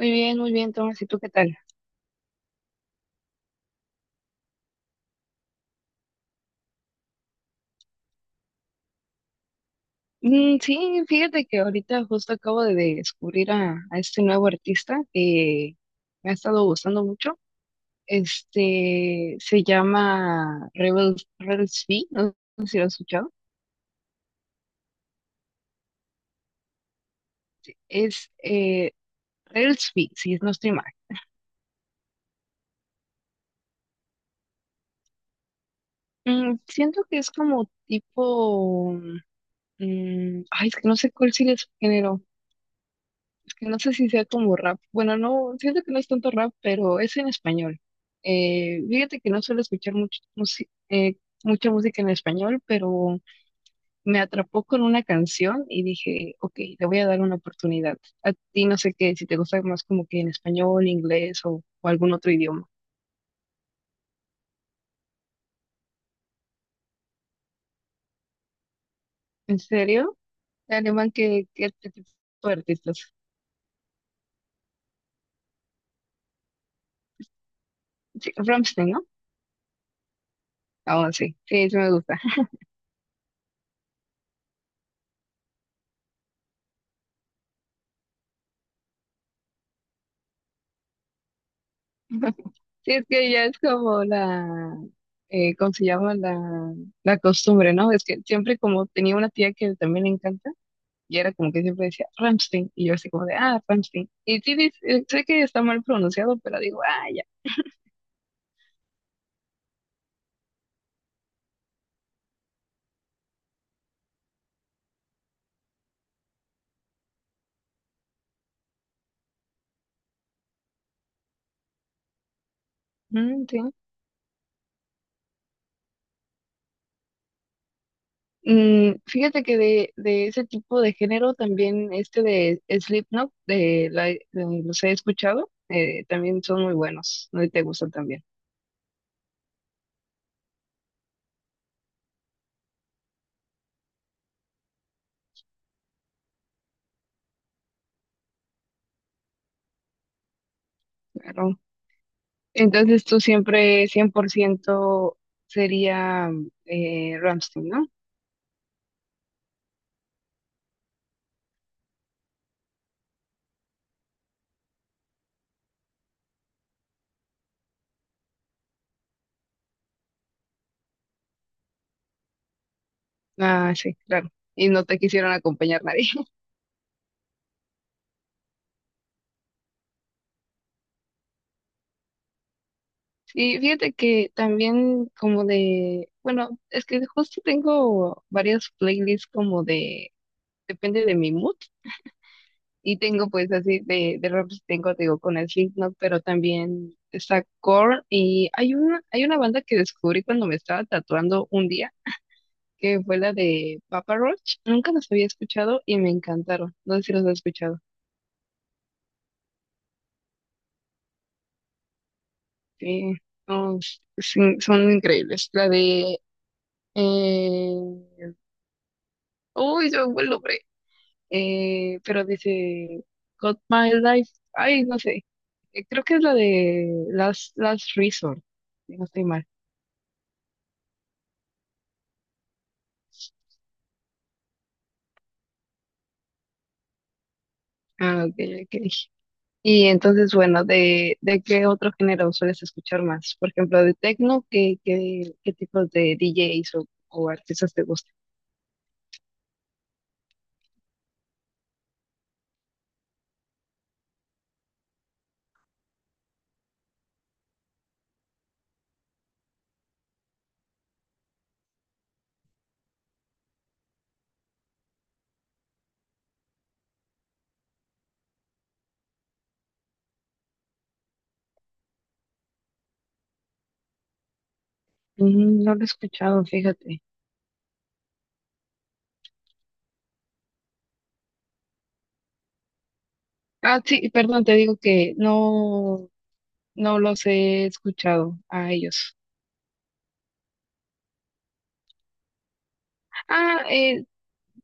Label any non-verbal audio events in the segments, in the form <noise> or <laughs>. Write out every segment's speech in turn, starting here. Muy bien, Tomás, ¿y tú qué tal? Sí, fíjate que ahorita justo acabo de descubrir a este nuevo artista que me ha estado gustando mucho. Este se llama Rebels, Rebels Fee, no sé si lo has escuchado. Es Rebels Fee, si no estoy mal. Mm, siento que es como tipo. Ay, es que no sé cuál sigue su género. Es que no sé si sea como rap. Bueno, no, siento que no es tanto rap, pero es en español. Fíjate que no suelo escuchar mucha música en español, pero me atrapó con una canción y dije, ok, le voy a dar una oportunidad. A ti no sé qué, si te gusta más como que en español, inglés o algún otro idioma. ¿En serio? ¿De alemán tipo de artistas? Sí, Rammstein, ¿no? Ah, sí, sí, sí me gusta. Sí, es que ya es como la, ¿cómo se llama? La costumbre, ¿no? Es que siempre como tenía una tía que también le encanta, y era como que siempre decía Ramstein, y yo así como de, ah, Ramstein. Y sí, sé que está mal pronunciado, pero digo, ah, ya. Mm, sí. Mm, fíjate que de ese tipo de género también este de Slipknot, los he escuchado, también son muy buenos, no. Y te gustan también. Claro. Entonces tú siempre 100% sería Rammstein, ¿no? Ah, sí, claro. Y no te quisieron acompañar nadie. <laughs> Sí, fíjate que también como de, bueno, es que justo tengo varias playlists como de, depende de mi mood. Y tengo pues así de rap, tengo, te digo, con el Slipknot, pero también está Korn. Y hay una banda que descubrí cuando me estaba tatuando un día que fue la de Papa Roach. Nunca los había escuchado y me encantaron. No sé si los has escuchado. Sí, no, sí, son increíbles. La de... Eh... Uy, yo me fue el nombre. Pero dice Got My Life. Ay, no sé. Creo que es la de Last Resort. Si no estoy mal. Ah, ok, ok. Y entonces, bueno, de qué otro género sueles escuchar más? Por ejemplo, de techno, qué tipos de DJs o artistas te gustan? Mm, no lo he escuchado, fíjate. Ah, sí, perdón, te digo que no, no los he escuchado a ellos. Ah, eh,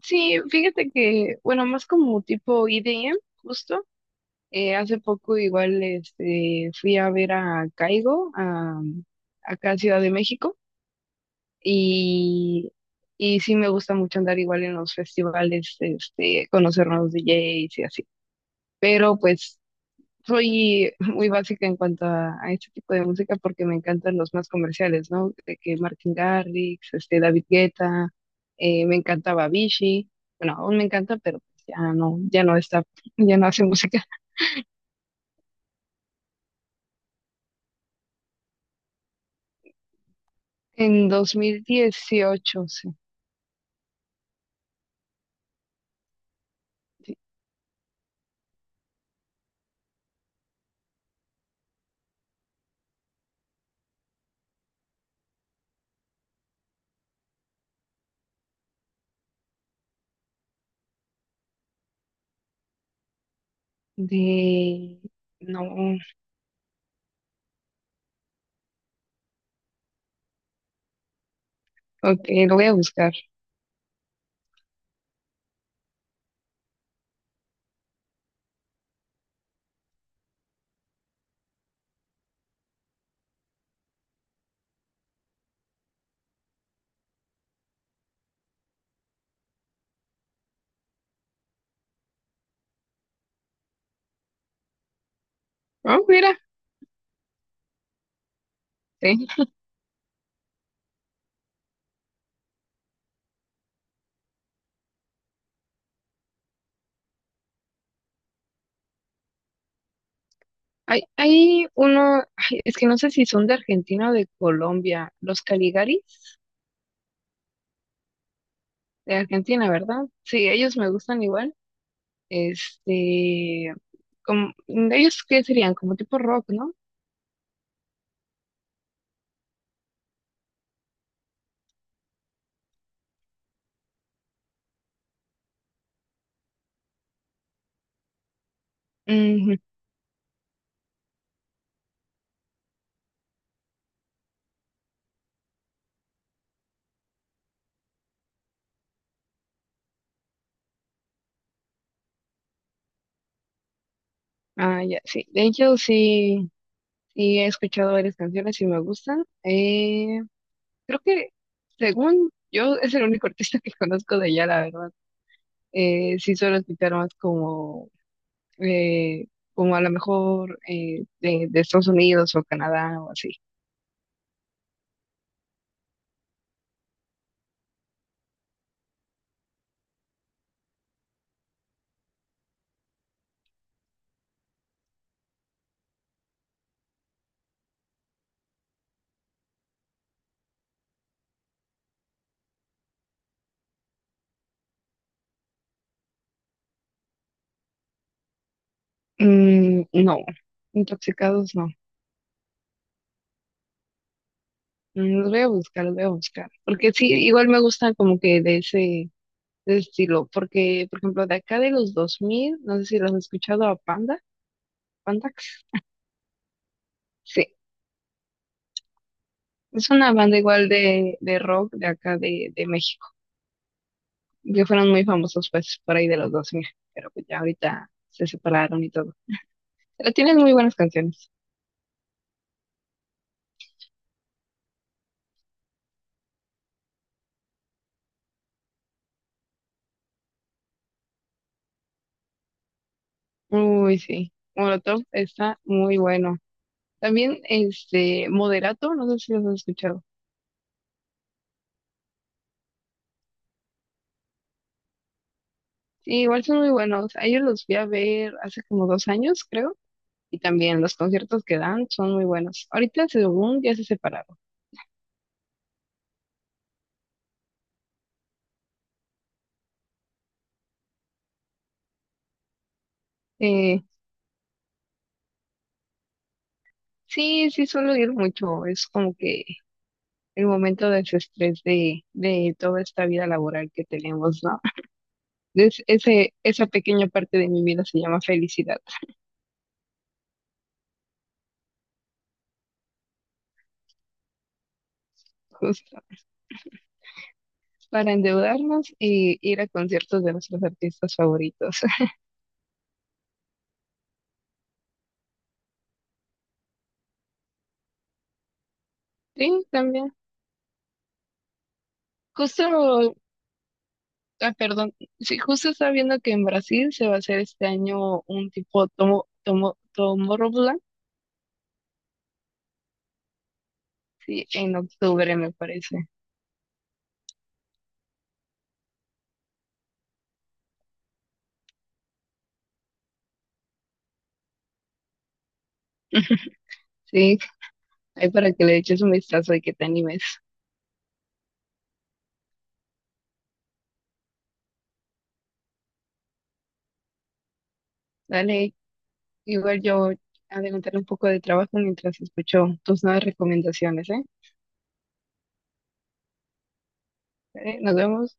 sí, fíjate que, bueno, más como tipo EDM, justo. Hace poco igual este, fui a ver a Caigo, a, acá a Ciudad de México. Y, y sí me gusta mucho andar igual en los festivales, este, conocer nuevos DJs y así. Pero pues soy <laughs> muy básica en cuanto a este tipo de música porque me encantan los más comerciales, ¿no? De que Martin Garrix, este, David Guetta, me encantaba Avicii. Bueno, aún me encanta, pero pues ya no, ya no está, <laughs> ya no hace música. En 2018, sí. De... de- No, ok, lo voy a buscar. Oh, mira, sí. Hay uno, ay, es que no sé si son de Argentina o de Colombia, los Caligaris de Argentina, ¿verdad? Sí, ellos me gustan igual. Este, como, ellos qué serían, como tipo rock, ¿no? Ujú. Ah, ya, sí. De hecho, sí, sí he escuchado varias canciones y me gustan. Creo que, según yo, es el único artista que conozco de allá, la verdad. Sí suelo escuchar más como eh, como a lo mejor de Estados Unidos o Canadá o así. Mm, no, intoxicados no. Los voy a buscar, los voy a buscar. Porque sí, igual me gusta como que de ese estilo. Porque, por ejemplo, de acá de los 2000 no sé si los has escuchado a Panda, Pandax. Sí, es una banda igual de rock de acá de México. Que fueron muy famosos pues por ahí de los 2000. Pero pues ya ahorita se separaron y todo. Pero tienen muy buenas canciones. Uy, sí. Molotov está muy bueno. También este Moderato, no sé si los has escuchado. Sí, igual son muy buenos. A ellos los fui a ver hace como dos años, creo. Y también los conciertos que dan son muy buenos. Ahorita según ya se separaron. Eh, sí, sí suelo ir mucho. Es como que el momento de desestrés de toda esta vida laboral que tenemos, ¿no? Es, ese, esa pequeña parte de mi vida se llama felicidad, <laughs> justo. Para endeudarnos y ir a conciertos de nuestros artistas favoritos. <laughs> Sí, también. Justo, ah, perdón, sí, justo estaba viendo que en Brasil se va a hacer este año un tipo Tomorrowland, sí, en octubre me parece. Sí, ahí para que le eches un vistazo y que te animes. Dale, igual yo adelantaré un poco de trabajo mientras escucho tus nuevas recomendaciones, ¿eh? Dale, nos vemos.